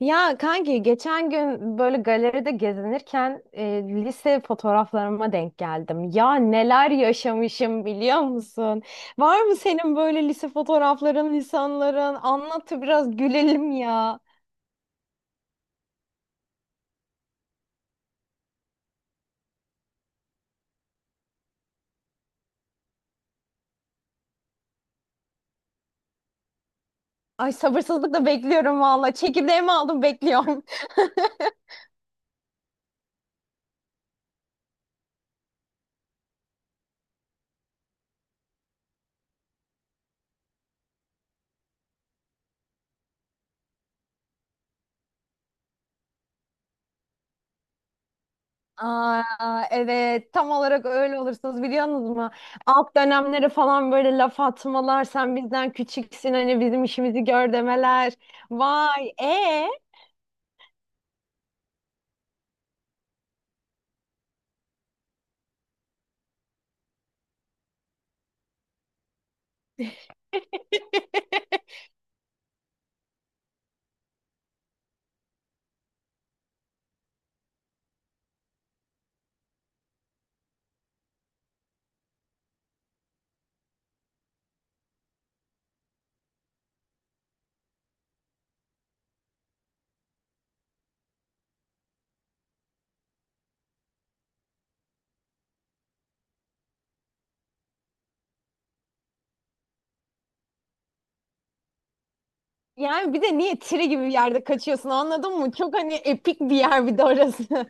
Ya kanki geçen gün böyle galeride gezinirken lise fotoğraflarıma denk geldim. Ya neler yaşamışım biliyor musun? Var mı senin böyle lise fotoğrafların, lisanların? Anlat da biraz gülelim ya. Ay sabırsızlıkla bekliyorum valla. Çekirdeğimi aldım bekliyorum. Aa, evet tam olarak öyle olursunuz biliyor musunuz? Alt dönemleri falan böyle laf atmalar. Sen bizden küçüksün hani bizim işimizi gör demeler. Vay e Yani bir de niye Tiri gibi bir yerde kaçıyorsun anladın mı? Çok hani epik bir yer bir de orası.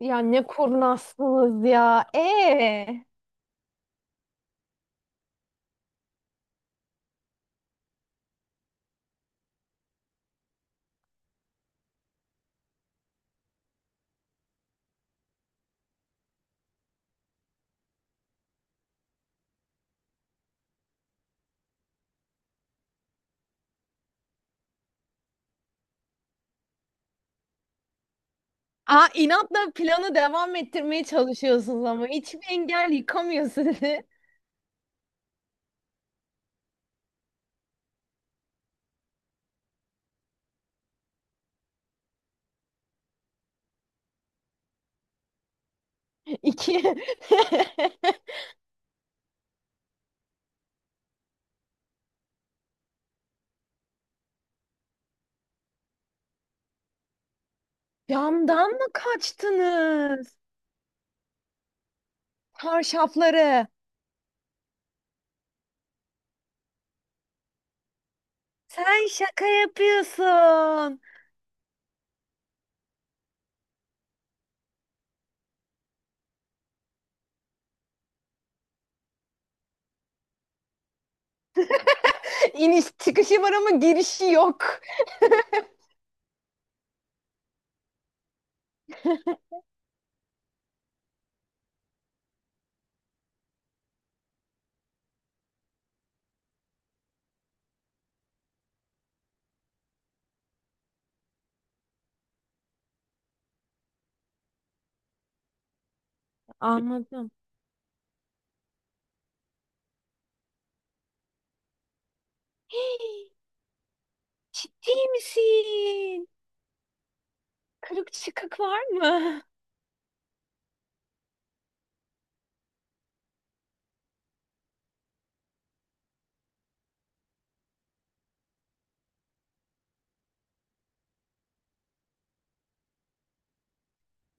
Ya ne kurnazsınız ya. Aa, inatla planı devam ettirmeye çalışıyorsunuz ama hiçbir engel yıkamıyor sizi. İki. Camdan mı kaçtınız? Çarşafları. Sen şaka yapıyorsun. İniş çıkışı var ama girişi yok. Anladım. Hii, ciddi misin? Kırık çıkık var mı?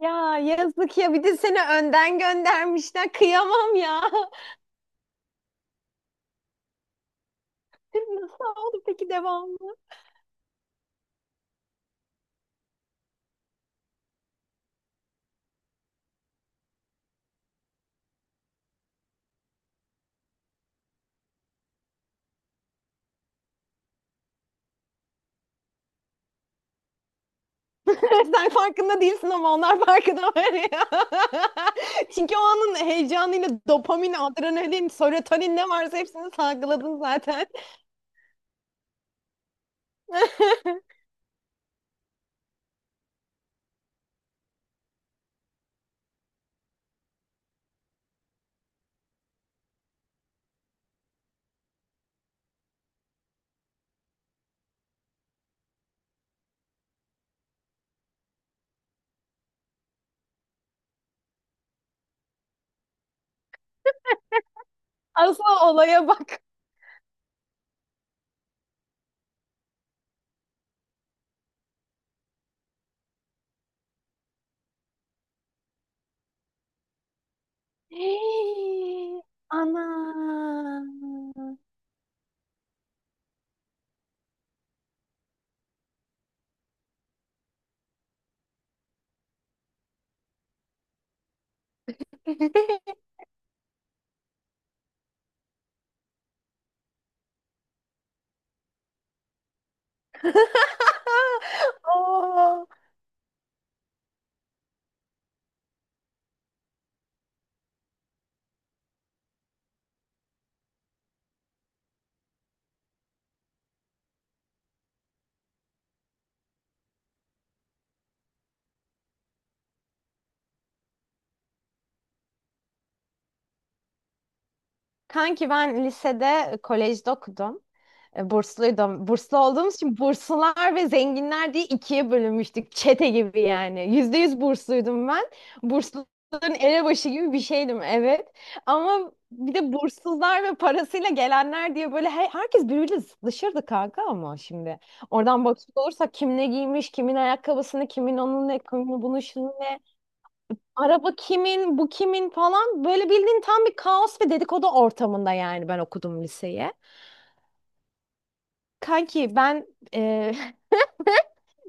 Ya yazık ya bir de seni önden göndermişler. Kıyamam ya. Nasıl oldu peki devamlı? Sen farkında değilsin ama onlar farkında var ya. Çünkü o anın heyecanıyla dopamin, adrenalin, serotonin ne varsa hepsini salgıladın zaten. Asıl olaya bak. Hey, ana. Oo. Kanki ben lisede kolejde okudum. E, bursluydum. Burslu olduğumuz için burslular ve zenginler diye ikiye bölünmüştük. Çete gibi yani. %100 bursluydum ben. Bursluların elebaşı gibi bir şeydim, evet. Ama bir de burssuzlar ve parasıyla gelenler diye böyle herkes birbiriyle zıtlaşırdı kanka ama şimdi. Oradan bakacak olursak kim ne giymiş, kimin ayakkabısını, kimin onun ne, kimin bunun şunu ne. Araba kimin, bu kimin falan. Böyle bildiğin tam bir kaos ve dedikodu ortamında yani ben okudum liseye. Kanki ben e,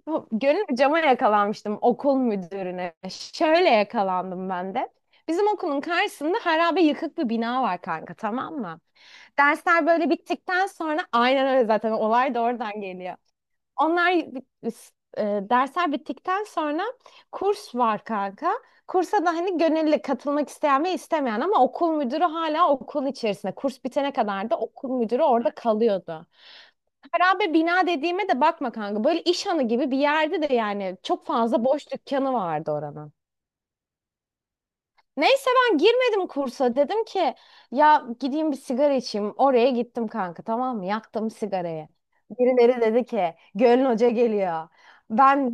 bu Gönül cama yakalanmıştım okul müdürüne. Şöyle yakalandım ben de. Bizim okulun karşısında harabe yıkık bir bina var kanka, tamam mı? Dersler böyle bittikten sonra aynen öyle zaten olay da oradan geliyor. Onlar, dersler bittikten sonra kurs var kanka. Kursa da hani gönüllü katılmak isteyen ve istemeyen ama okul müdürü hala okulun içerisinde. Kurs bitene kadar da okul müdürü orada kalıyordu. Harabe bina dediğime de bakma kanka. Böyle iş hanı gibi bir yerde de yani çok fazla boş dükkanı vardı oranın. Neyse ben girmedim kursa. Dedim ki ya gideyim bir sigara içeyim. Oraya gittim kanka, tamam mı? Yaktım sigarayı. Birileri dedi ki Gölün Hoca geliyor. Ben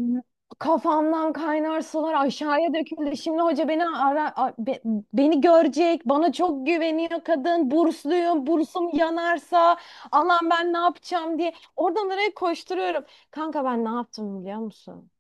kafamdan kaynar sular aşağıya döküldü. Şimdi hoca beni ara, beni görecek. Bana çok güveniyor kadın. Bursluyum. Bursum yanarsa Allah'ım ben ne yapacağım diye. Oradan oraya koşturuyorum. Kanka ben ne yaptım biliyor musun?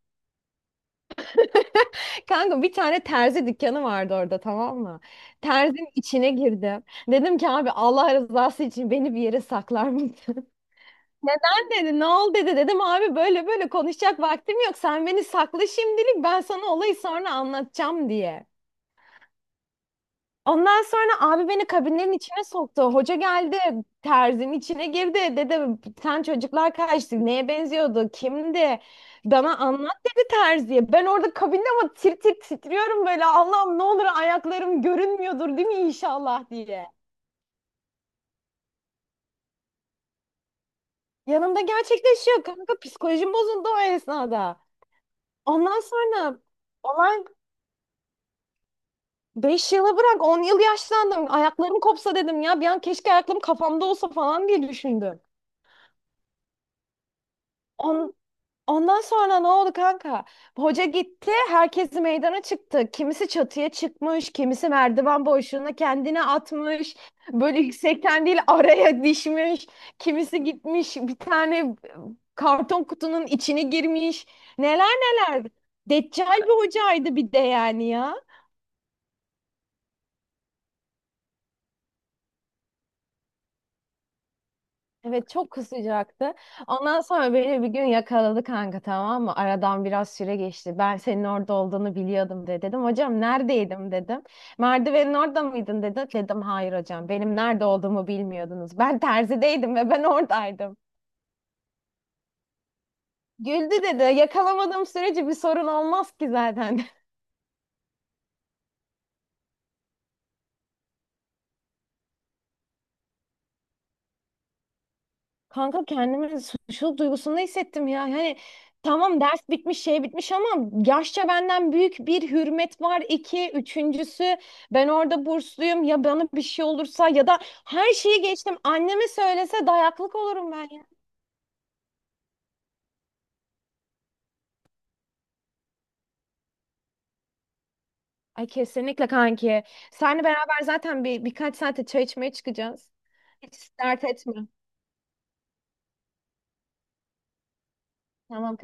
Kanka bir tane terzi dükkanı vardı orada, tamam mı? Terzin içine girdim. Dedim ki abi Allah rızası için beni bir yere saklar mısın? Neden dedi? Ne oldu dedi. Dedim abi böyle böyle konuşacak vaktim yok. Sen beni sakla şimdilik, ben sana olayı sonra anlatacağım diye. Ondan sonra abi beni kabinlerin içine soktu. Hoca geldi, terzinin içine girdi. Dedi sen çocuklar kaçtı. Neye benziyordu? Kimdi? Bana anlat dedi terziye. Ben orada kabinde ama tir tir titriyorum böyle. Allah'ım ne olur ayaklarım görünmüyordur değil mi inşallah diye. Yanımda gerçekleşiyor kanka. Psikolojim bozuldu o esnada. Ondan sonra olay, 5 yıla bırak 10 yıl yaşlandım. Ayaklarım kopsa dedim ya. Bir an keşke ayaklarım kafamda olsa falan diye düşündüm. On, Ondan sonra ne oldu kanka? Hoca gitti, herkes meydana çıktı. Kimisi çatıya çıkmış, kimisi merdiven boşluğuna kendini atmış. Böyle yüksekten değil araya dişmiş. Kimisi gitmiş bir tane karton kutunun içine girmiş. Neler neler. Deccal bir hocaydı bir de yani ya. Evet çok sıcaktı. Ondan sonra beni bir gün yakaladı kanka, tamam mı? Aradan biraz süre geçti. Ben senin orada olduğunu biliyordum de dedim. Hocam neredeydim dedim. Merdivenin orada mıydın dedi. Dedim hayır hocam, benim nerede olduğumu bilmiyordunuz. Ben terzideydim ve ben oradaydım. Güldü dedi. Yakalamadığım sürece bir sorun olmaz ki zaten. Kanka kendimi suçluluk duygusunda hissettim ya. Yani tamam ders bitmiş şey bitmiş ama yaşça benden büyük bir hürmet var. İki, üçüncüsü ben orada bursluyum ya, bana bir şey olursa ya da her şeyi geçtim. Anneme söylese dayaklık olurum ben ya. Ay kesinlikle kanki. Seninle beraber zaten bir birkaç saate çay içmeye çıkacağız. Hiç dert etme. Tamam.